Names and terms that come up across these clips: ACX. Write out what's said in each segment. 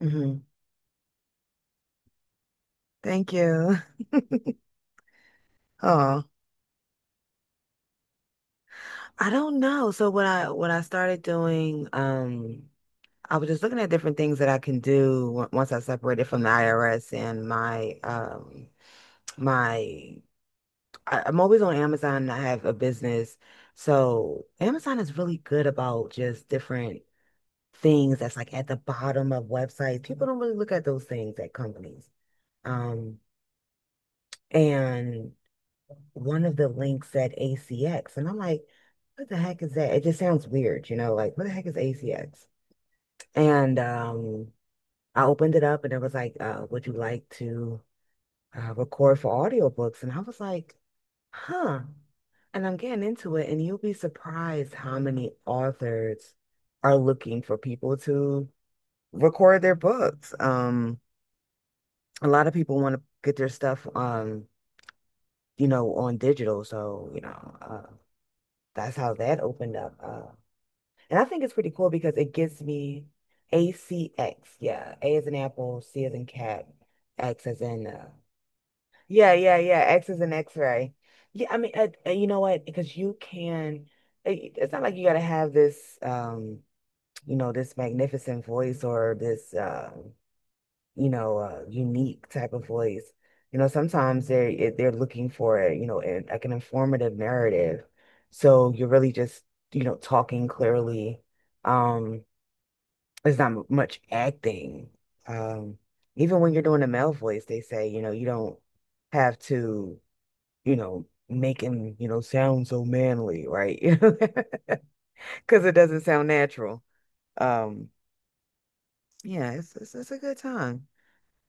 Hmm. Thank you. Oh, I don't know. So what I started doing, I was just looking at different things that I can do once I separated from the IRS and my I'm always on Amazon, and I have a business, so Amazon is really good about just different things that's like at the bottom of websites. People don't really look at those things at companies. Um, and one of the links said ACX, and I'm like, what the heck is that? It just sounds weird, like what the heck is ACX? And I opened it up, and it was like, would you like to, record for audiobooks? And I was like, huh. And I'm getting into it, and you'll be surprised how many authors are looking for people to record their books. A lot of people want to get their stuff, on digital, so, that's how that opened up. And I think it's pretty cool because it gives me ACX. Yeah, A as in Apple, C as in Cat, X as in, yeah, yeah, yeah, X as in X-ray. Yeah, I mean, you know what, because you can, it's not like you got to have this, this magnificent voice, or this, unique type of voice. Sometimes they're, looking for, an, like an informative narrative. So you're really just, talking clearly. Um, there's not much acting. Um, even when you're doing a male voice, they say, you don't have to, make him, sound so manly, right? Because it doesn't sound natural. Um, yeah, it's a good time.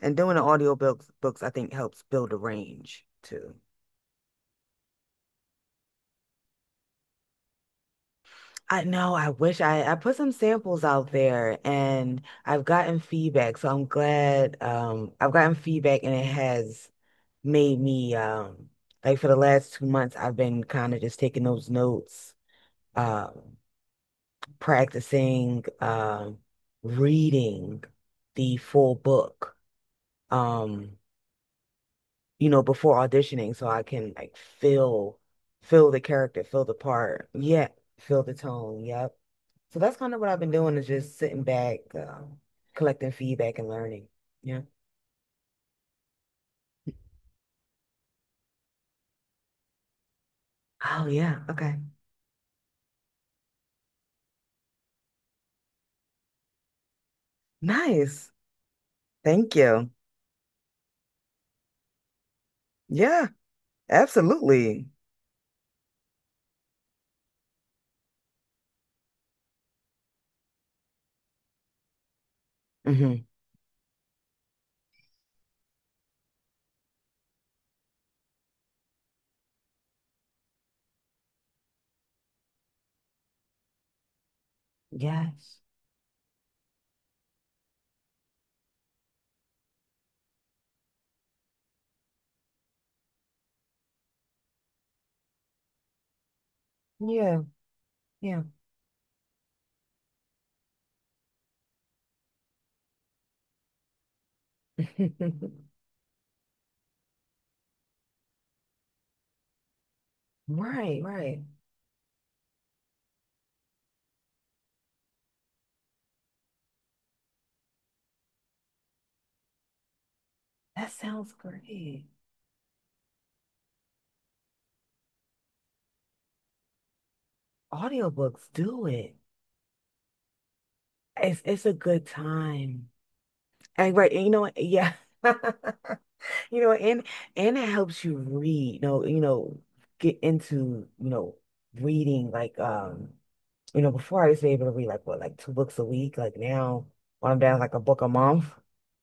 And doing the audio books, I think helps build a range too. I know. I wish I put some samples out there, and I've gotten feedback. So I'm glad, I've gotten feedback, and it has made me, like, for the last 2 months, I've been kind of just taking those notes, uh, practicing, reading the full book. Um before auditioning, so I can, like, feel the character, feel the part. Yeah, feel the tone. Yep. So that's kind of what I've been doing, is just sitting back, collecting feedback and learning. Yeah. Oh yeah. Okay. Nice. Thank you. Yeah, absolutely. Hmm. Yes. Yeah. Yeah. Right, right. That sounds great. Audiobooks, do it. It's a good time. Right. And you know what? Yeah. You know, and and it helps you read, get into, reading, like, before I used to be able to read, like, what, like two books a week. Like now, when I'm down like a book a month,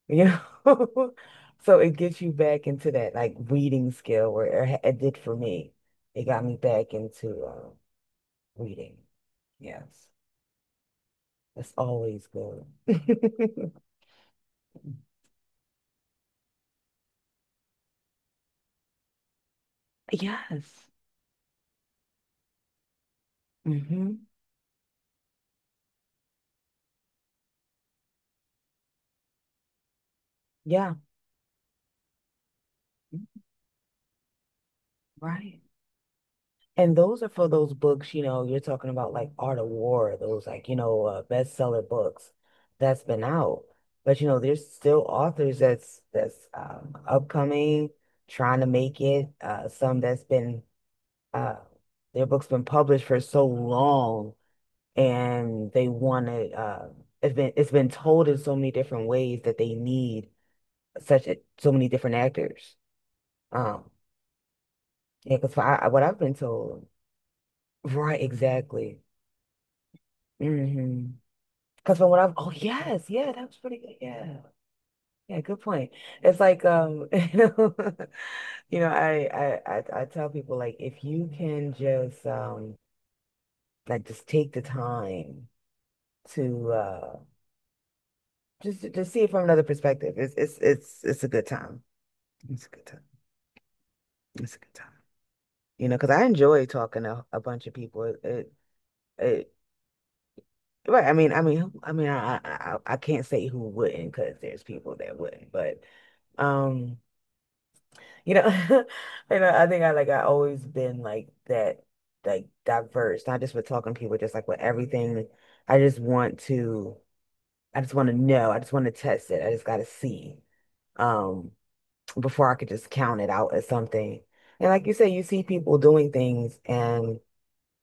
you know. So it gets you back into that, like, reading skill, where it did for me. It got me back into, reading. Yes. That's always good. Yes. Hmm. Yeah. Right. And those are for those books, you're talking about, like, Art of War, those, like, bestseller books that's been out. But, there's still authors that's, upcoming, trying to make it. Some that's been, uh, their books been published for so long, and they want to. It's been told in so many different ways that they need such a, so many different actors. Um, yeah, because what I've been told, right? Exactly. Mm-hmm. Because when I have, oh yes, yeah, that was pretty good. Yeah. Yeah, good point. It's like, I tell people, like, if you can just, like, just take the time to, just to see it from another perspective. It's a good time. It's a good time. It's a good time. Because I enjoy talking to a bunch of people. It right. I mean, I can't say who wouldn't, because there's people that wouldn't, but. Um, You know, I think, I always been like that, like, diverse, not just with talking to people, just like with everything. I just want to, I just want to know. I just want to test it. I just got to see, um, before I could just count it out as something. And like you say, you see people doing things, and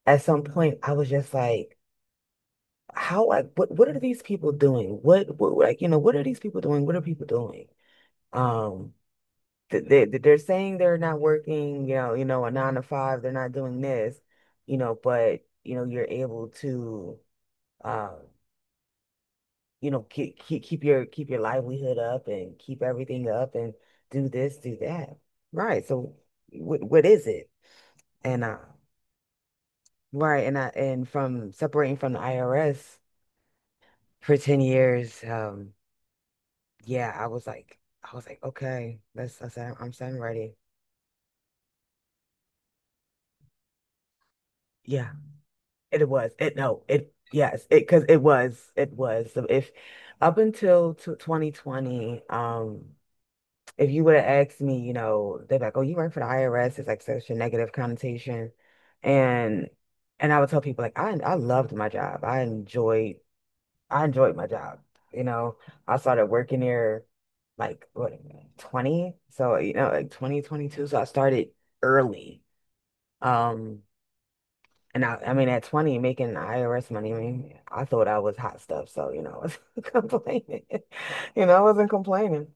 at some point, I was just like, how, like, what, are these people doing? What, like, you know, what are these people doing? What are people doing? Um, they're saying they're not working, a nine to five, they're not doing this, but, you're able to, uh, keep your livelihood up, and keep everything up, and do this, do that. Right. So what is it? And, right, and I and from separating from the IRS for 10 years, yeah, I was like, okay, that's I said, I'm ready. Yeah. It was. It, no. It, yes. It, because it was. It was. So if up until, t 2020, if you would have asked me, they're like, "Oh, you work for the IRS." It's like such a negative connotation, and, I would tell people, like, I loved my job. I enjoyed. I enjoyed my job. You know, I started working there, like, what, 20? So, like 2022. So I started early. Um. And, I mean, at 20, making IRS money, I mean, I thought I was hot stuff. So, I wasn't complaining. I wasn't complaining.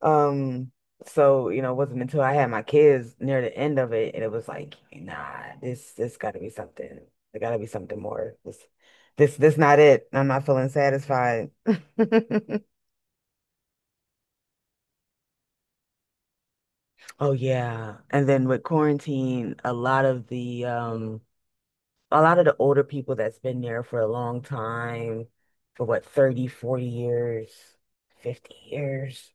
Um, so, it wasn't until I had my kids near the end of it, and it was like, nah, this gotta be something. There gotta be something more. This not it. I'm not feeling satisfied. Oh yeah. And then with quarantine, a lot of the a lot of the older people that's been there for a long time, for what, 30, 40 years, 50 years,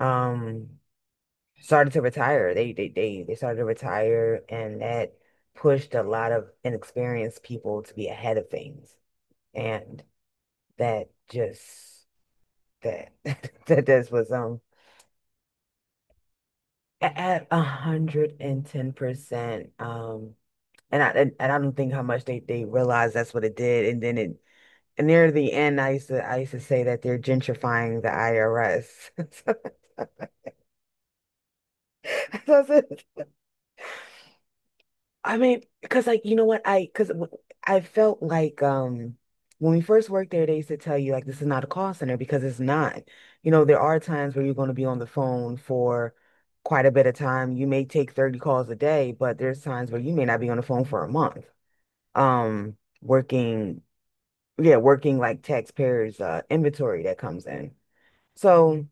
um, started to retire. They started to retire, and that pushed a lot of inexperienced people to be ahead of things. And that just that that this was, at 110%, and I don't think how much they realized that's what it did, and then it. And near the end, I used to say that they're gentrifying the IRS. So, I said. I mean, because, like, you know what I because I felt like, when we first worked there, they used to tell you, like, this is not a call center, because it's not. There are times where you're going to be on the phone for quite a bit of time. You may take 30 calls a day, but there's times where you may not be on the phone for a month. Um, working, yeah, working, like, taxpayers', inventory that comes in. So.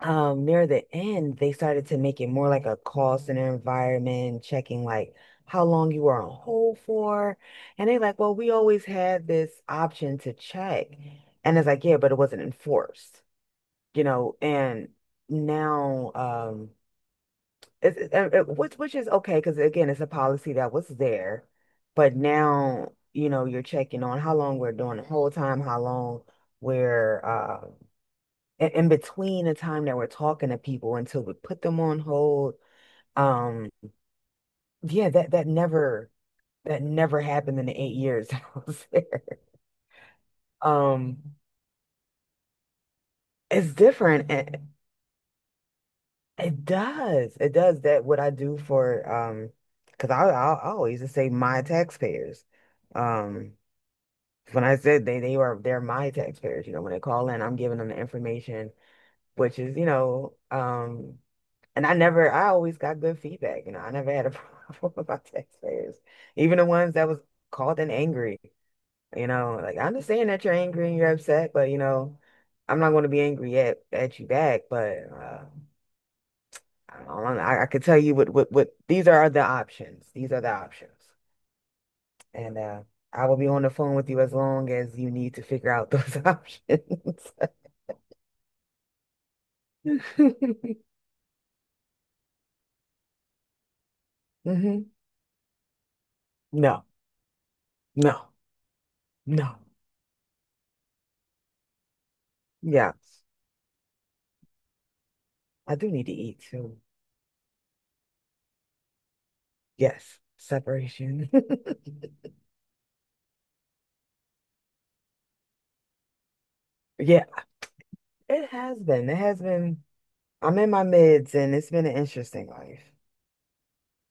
Near the end, they started to make it more like a call center environment, checking like how long you were on hold for, and they like, well, we always had this option to check, and it's like, yeah, but it wasn't enforced, and now, it's it, it- it- which is okay, because, again, it's a policy that was there. But now, you're checking on how long we're doing the whole time, how long we're, in between the time that we're talking to people until we put them on hold. Um, yeah, that never happened in the 8 years I was there. Um, it's different. It does. It does, that what I do for, because, I always just say my taxpayers. Um, when I said, they are they're my taxpayers. You know, when they call in, I'm giving them the information, which is, you know. And I never, I always got good feedback. I never had a problem with my taxpayers, even the ones that was called in angry. Like I understand that you're angry and you're upset, but, I'm not going to be angry at you back. But, I don't know. I could tell you what, these are the options. These are the options, and, I will be on the phone with you as long as you need to figure out those options. Hmm. No, no, no. Yeah, I do need to eat too. Yes, separation. Yeah, it has been. It has been. I'm in my mids, and it's been an interesting life.